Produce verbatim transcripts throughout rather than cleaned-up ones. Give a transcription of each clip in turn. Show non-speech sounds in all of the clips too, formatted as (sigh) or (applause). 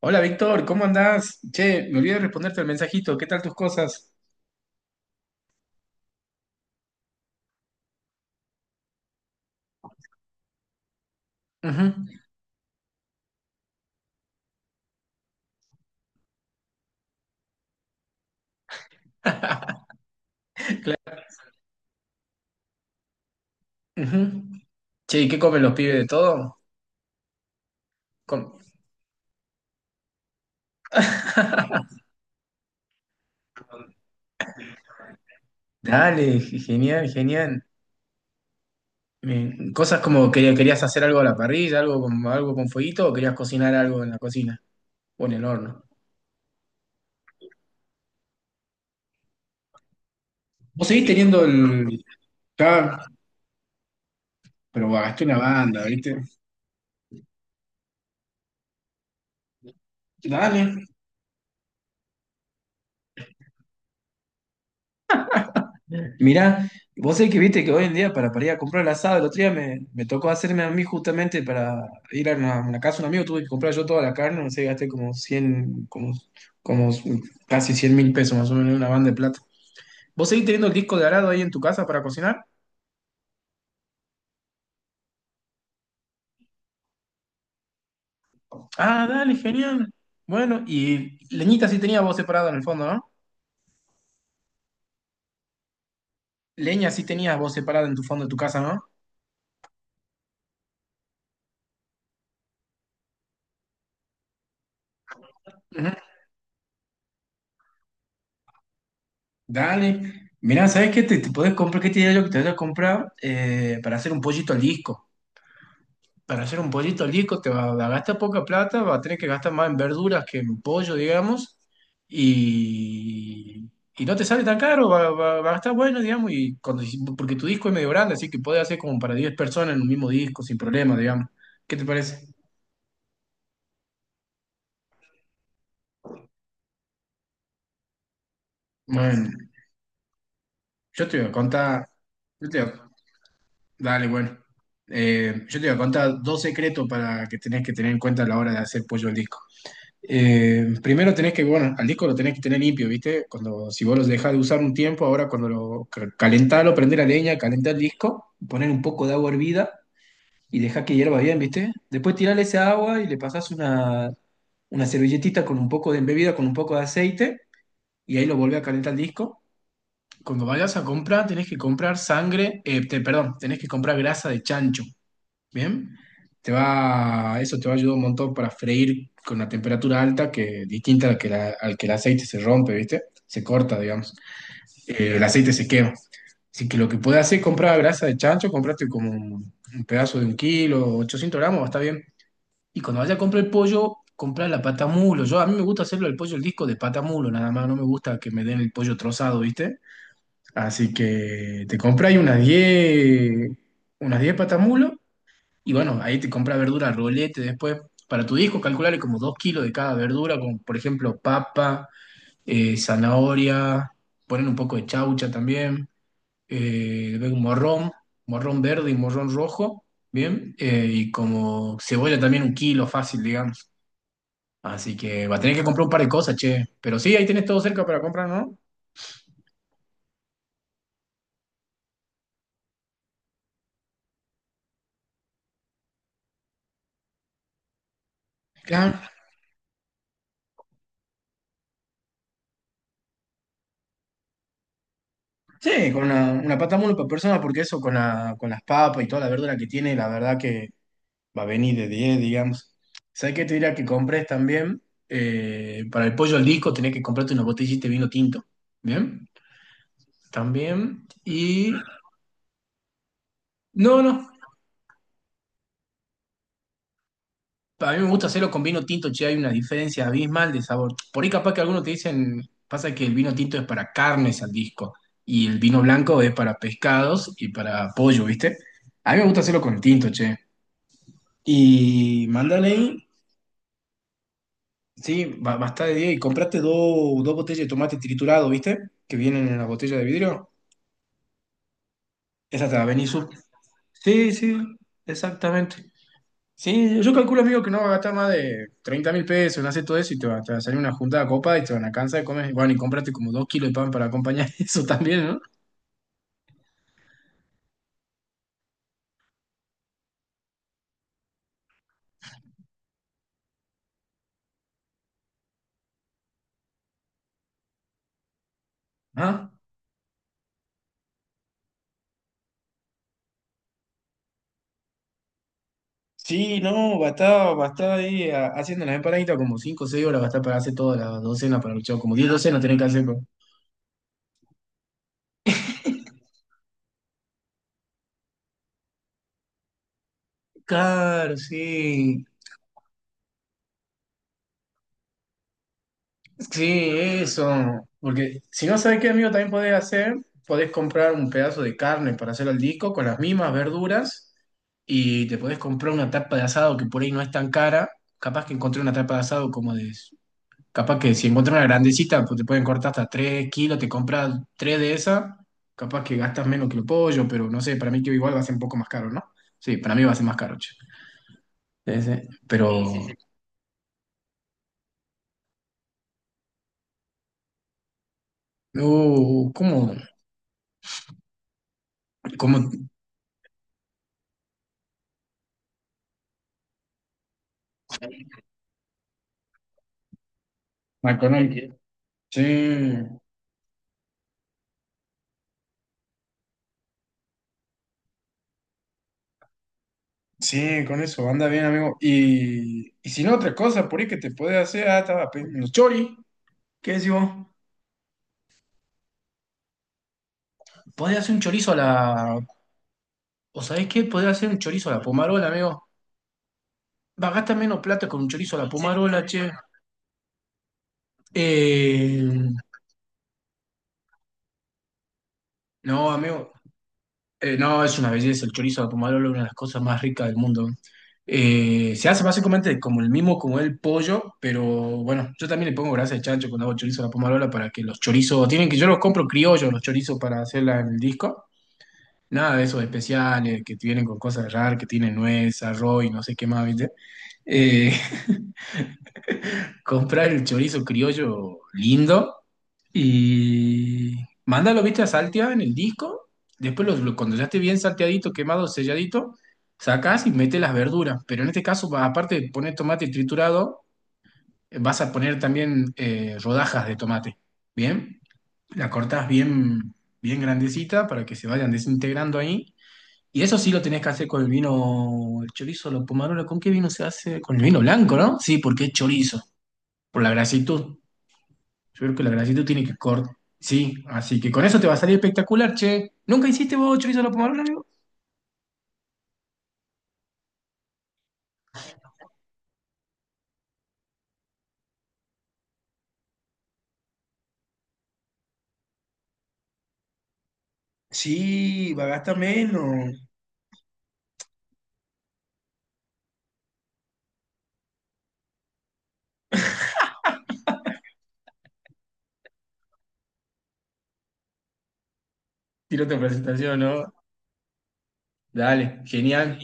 Hola Víctor, ¿cómo andás? Che, me olvidé de responderte el mensajito, ¿qué tal tus cosas? Ujú, ujú. Che, ¿y qué comen los pibes de todo? Com- Dale, ge- genial, genial. Me- Cosas como que querías hacer algo a la parrilla, algo con, algo con fueguito, o querías cocinar algo en la cocina o en el horno. Vos seguís teniendo el... Ya, pero gasté una banda, ¿viste? Dale. Mirá, vos sabés que viste que hoy en día para, para ir a comprar el asado, el otro día me, me tocó hacerme a mí justamente para ir a una, una casa de un amigo, tuve que comprar yo toda la carne, no sé, gasté como cien como, como casi cien mil pesos más o menos una banda de plata. ¿Vos seguís teniendo el disco de arado ahí en tu casa para cocinar? Ah, dale, genial. Bueno, y leñita sí tenías vos separada en el fondo, ¿no? Leña sí tenías vos separada en tu fondo de tu casa, ¿no? Ujú. Dale. Mirá, ¿sabés qué te, te podés comprar? ¿Qué te diría yo que te voy a comprar eh, para hacer un pollito al disco? Para hacer un pollito al disco te va a gastar poca plata, va a tener que gastar más en verduras que en pollo, digamos, y, y no te sale tan caro, va, va- va a estar bueno, digamos, y cuando- porque tu disco es medio grande, así que puedes hacer como para diez personas en un mismo disco sin problema, digamos. ¿Qué te parece? Bueno, yo te voy a contar, yo te voy a- dale, bueno. Eh, yo te voy a contar dos secretos para que tenés que tener en cuenta a la hora de hacer pollo al disco. Eh, primero tenés que, bueno, al disco lo tenés que tener limpio, ¿viste? Cuando, si vos los dejás de usar un tiempo, ahora cuando lo ca- calentalo, prendés la leña, calentá el disco, poner un poco de agua hervida y dejá que hierva bien, ¿viste? Después tirale esa agua y le pasás una, una servilletita con un poco de embebida, con un poco de aceite, y ahí lo volvés a calentar el disco. Cuando vayas a comprar, tenés que comprar sangre, eh, te- perdón, tenés que comprar grasa de chancho. Bien, te va, eso te va a ayudar un montón para freír con una temperatura alta que distinta a la que la- al que el aceite se rompe, ¿viste? Se corta, digamos. Eh, el aceite se quema. Así que lo que puedes hacer es comprar grasa de chancho, comprate como un, un pedazo de un kilo, ochocientos gramos, está bien. Y cuando vayas a comprar el pollo, comprar la pata mulo. Yo a mí me gusta hacerlo el pollo, el disco de pata mulo, nada más, no me gusta que me den el pollo trozado, ¿viste? Así que te compras unas 10, unas 10 patamulos y bueno, ahí te compra verdura rolete después. Para tu disco, calcularle como dos kilos de cada verdura, como por ejemplo papa, eh, zanahoria, poner un poco de chaucha también, eh, luego morrón, morrón verde y morrón rojo, ¿bien? Eh, y como cebolla también un kilo fácil, digamos. Así que va a tener que comprar un par de cosas, che. Pero sí, ahí tenés todo cerca para comprar, ¿no? Claro. Sí, con una, una pata mole por persona, porque eso con, la- con las papas y toda la verdura que tiene, la verdad que va a venir de diez digamos. ¿Sabes qué te diría que compres también? Eh, para el pollo al disco tenés que comprarte una botellita de vino tinto. ¿Bien? También. Y... No, no. A mí me gusta hacerlo con vino tinto, che, hay una diferencia abismal de sabor. Por ahí capaz que algunos te dicen, pasa que el vino tinto es para carnes al disco y el vino blanco es para pescados y para pollo, ¿viste? A mí me gusta hacerlo con tinto, che. Y mándale ahí. Sí, ba- bastá de diez y compraste dos dos botellas de tomate triturado, ¿viste? Que vienen en la botella de vidrio. Esa te la venís sub- Sí, sí, exactamente. Sí, yo calculo, amigo, que no va a gastar más de treinta mil pesos en hacer todo eso y te va, te va a salir una juntada copa y te van a cansar de comer. Bueno, y compraste como dos kilos de pan para acompañar (laughs) eso también, ¿no? Ah. Sí, no, va a estar, va a estar ahí a- haciendo las empanaditas como cinco o seis horas, va a estar para hacer todas las docenas para el luchar, como diez docenas tenés que hacer. co- Claro, sí. Sí, eso. Porque si no sabes qué, amigo, también podés hacer, podés comprar un pedazo de carne para hacer al disco con las mismas verduras y te podés comprar una tapa de asado que por ahí no es tan cara. Capaz que encontré una tapa de asado como de... Capaz que si encontré una grandecita, pues te pueden cortar hasta tres kilos, te compras tres de esas capaz que gastas menos que el pollo, pero no sé, para mí que igual va a ser un poco más caro, ¿no? Sí, para mí va a ser más caro, che. Sí, sí. Pero... Sí, sí, sí. Uh, ¿cómo? ¿Cómo? McConaughey. Sí. Sí, con eso, anda bien, amigo. Y, y si no, otra cosa, por ahí que te puede hacer, ah, estaba pensando, chori, ¿qué decimos? Podés hacer un chorizo a la. ¿O sabés qué? Podés hacer un chorizo a la pomarola, amigo. Va, gasta menos plata con un chorizo a la pomarola, che. Eh, No, amigo. Eh, no, es una belleza. El chorizo de Pomarolo es una de las cosas más ricas del mundo. Eh, se hace básicamente como el mismo, como el pollo, pero bueno, yo también le pongo grasa de chancho cuando hago chorizo a la pomarola para que los chorizos, tienen que, yo los compro criollos, los chorizos para hacerla en el disco. Nada de esos especiales que vienen con cosas raras, que tienen nuez, arroz y no sé qué más, ¿viste? Eh, comprar el chorizo criollo lindo y mándalo, viste, a saltear en el disco. Después, los lo- cuando ya esté bien salteadito, quemado, selladito, sacás y metes las verduras. Pero en este caso, va- aparte de poner tomate triturado, eh, vas a poner también eh, rodajas de tomate. ¿Bien? La cortás bien, bien grandecita para que se vayan desintegrando ahí. Y eso sí lo tenés que hacer con el vino, el chorizo, la pomarola. ¿Con qué vino se hace? Con el vino blanco, ¿no? Sí, porque es chorizo, por la grasitud. Yo creo que la grasitud tiene que cortar. Sí, así que con eso te va a salir espectacular, che. ¿Nunca hiciste vos chorizo a la pomarrola, amigo? Sí, va a gastar menos. Tiro otra presentación, ¿no? Dale, genial.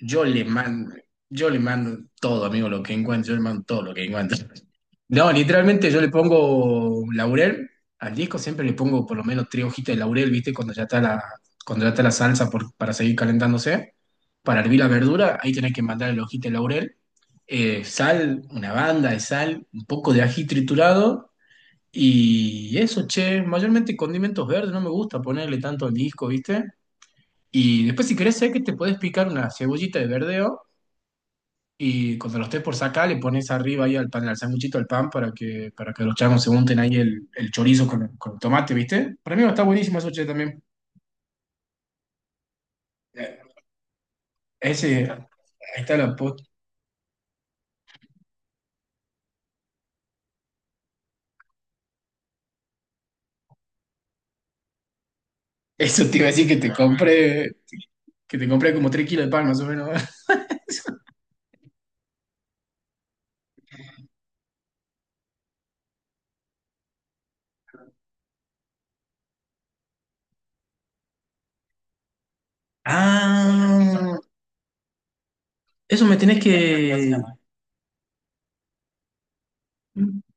Yo le mando, yo le mando todo, amigo, lo que encuentro, yo le mando todo lo que encuentro. No, literalmente yo le pongo laurel al disco, siempre le pongo por lo menos tres hojitas de laurel, ¿viste? Cuando ya está la, cuando ya está la salsa por- para seguir calentándose. Para hervir la verdura, ahí tenés que mandar la hojita de laurel, eh, sal, una banda de sal, un poco de ají triturado y eso, che, mayormente condimentos verdes, no me gusta ponerle tanto al disco, ¿viste? Y después si querés sé que te podés picar una cebollita de verdeo y cuando lo estés por sacar, le pones arriba ahí al pan, al sanguchito, al pan, para que, para que los changos se unten ahí el, el chorizo con, con el tomate, ¿viste? Para mí está buenísimo eso, che, también. Eh, Ese, ahí está la post. (laughs) Eso te iba a decir que te compré, que te compré como tres kilos de pan, más o menos. (laughs) Ah, eso me tenés que... (laughs)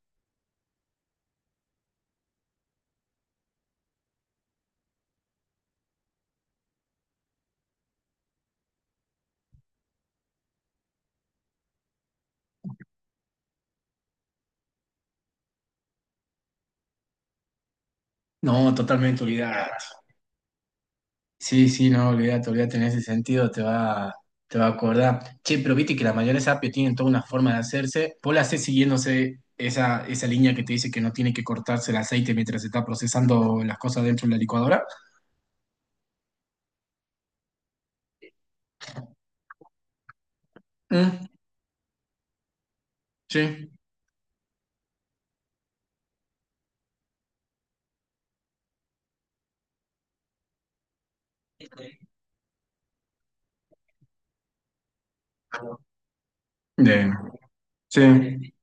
No, totalmente olvidado. Sí, sí, no, olvídate, olvídate en ese sentido, te va, te va a acordar. Che, pero viste que las mayores API tienen toda una forma de hacerse. Vos la hacés siguiéndose esa, esa línea que te dice que no tiene que cortarse el aceite mientras se está procesando las cosas dentro de la licuadora. Mm, sí. De- sí.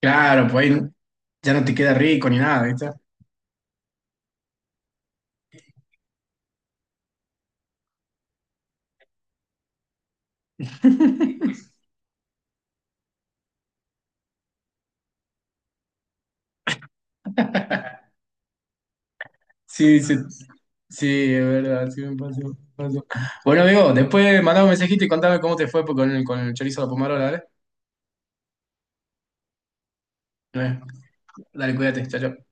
Claro, pues ahí ya no te queda rico ni nada, ¿viste? (laughs) Sí, sí, sí, es verdad, sí me pasó, me pasó. Bueno, amigo, después mandame un mensajito y contame cómo te fue con el, con el, chorizo de la pomarola, ¿vale? Dale, cuídate, chao, chao.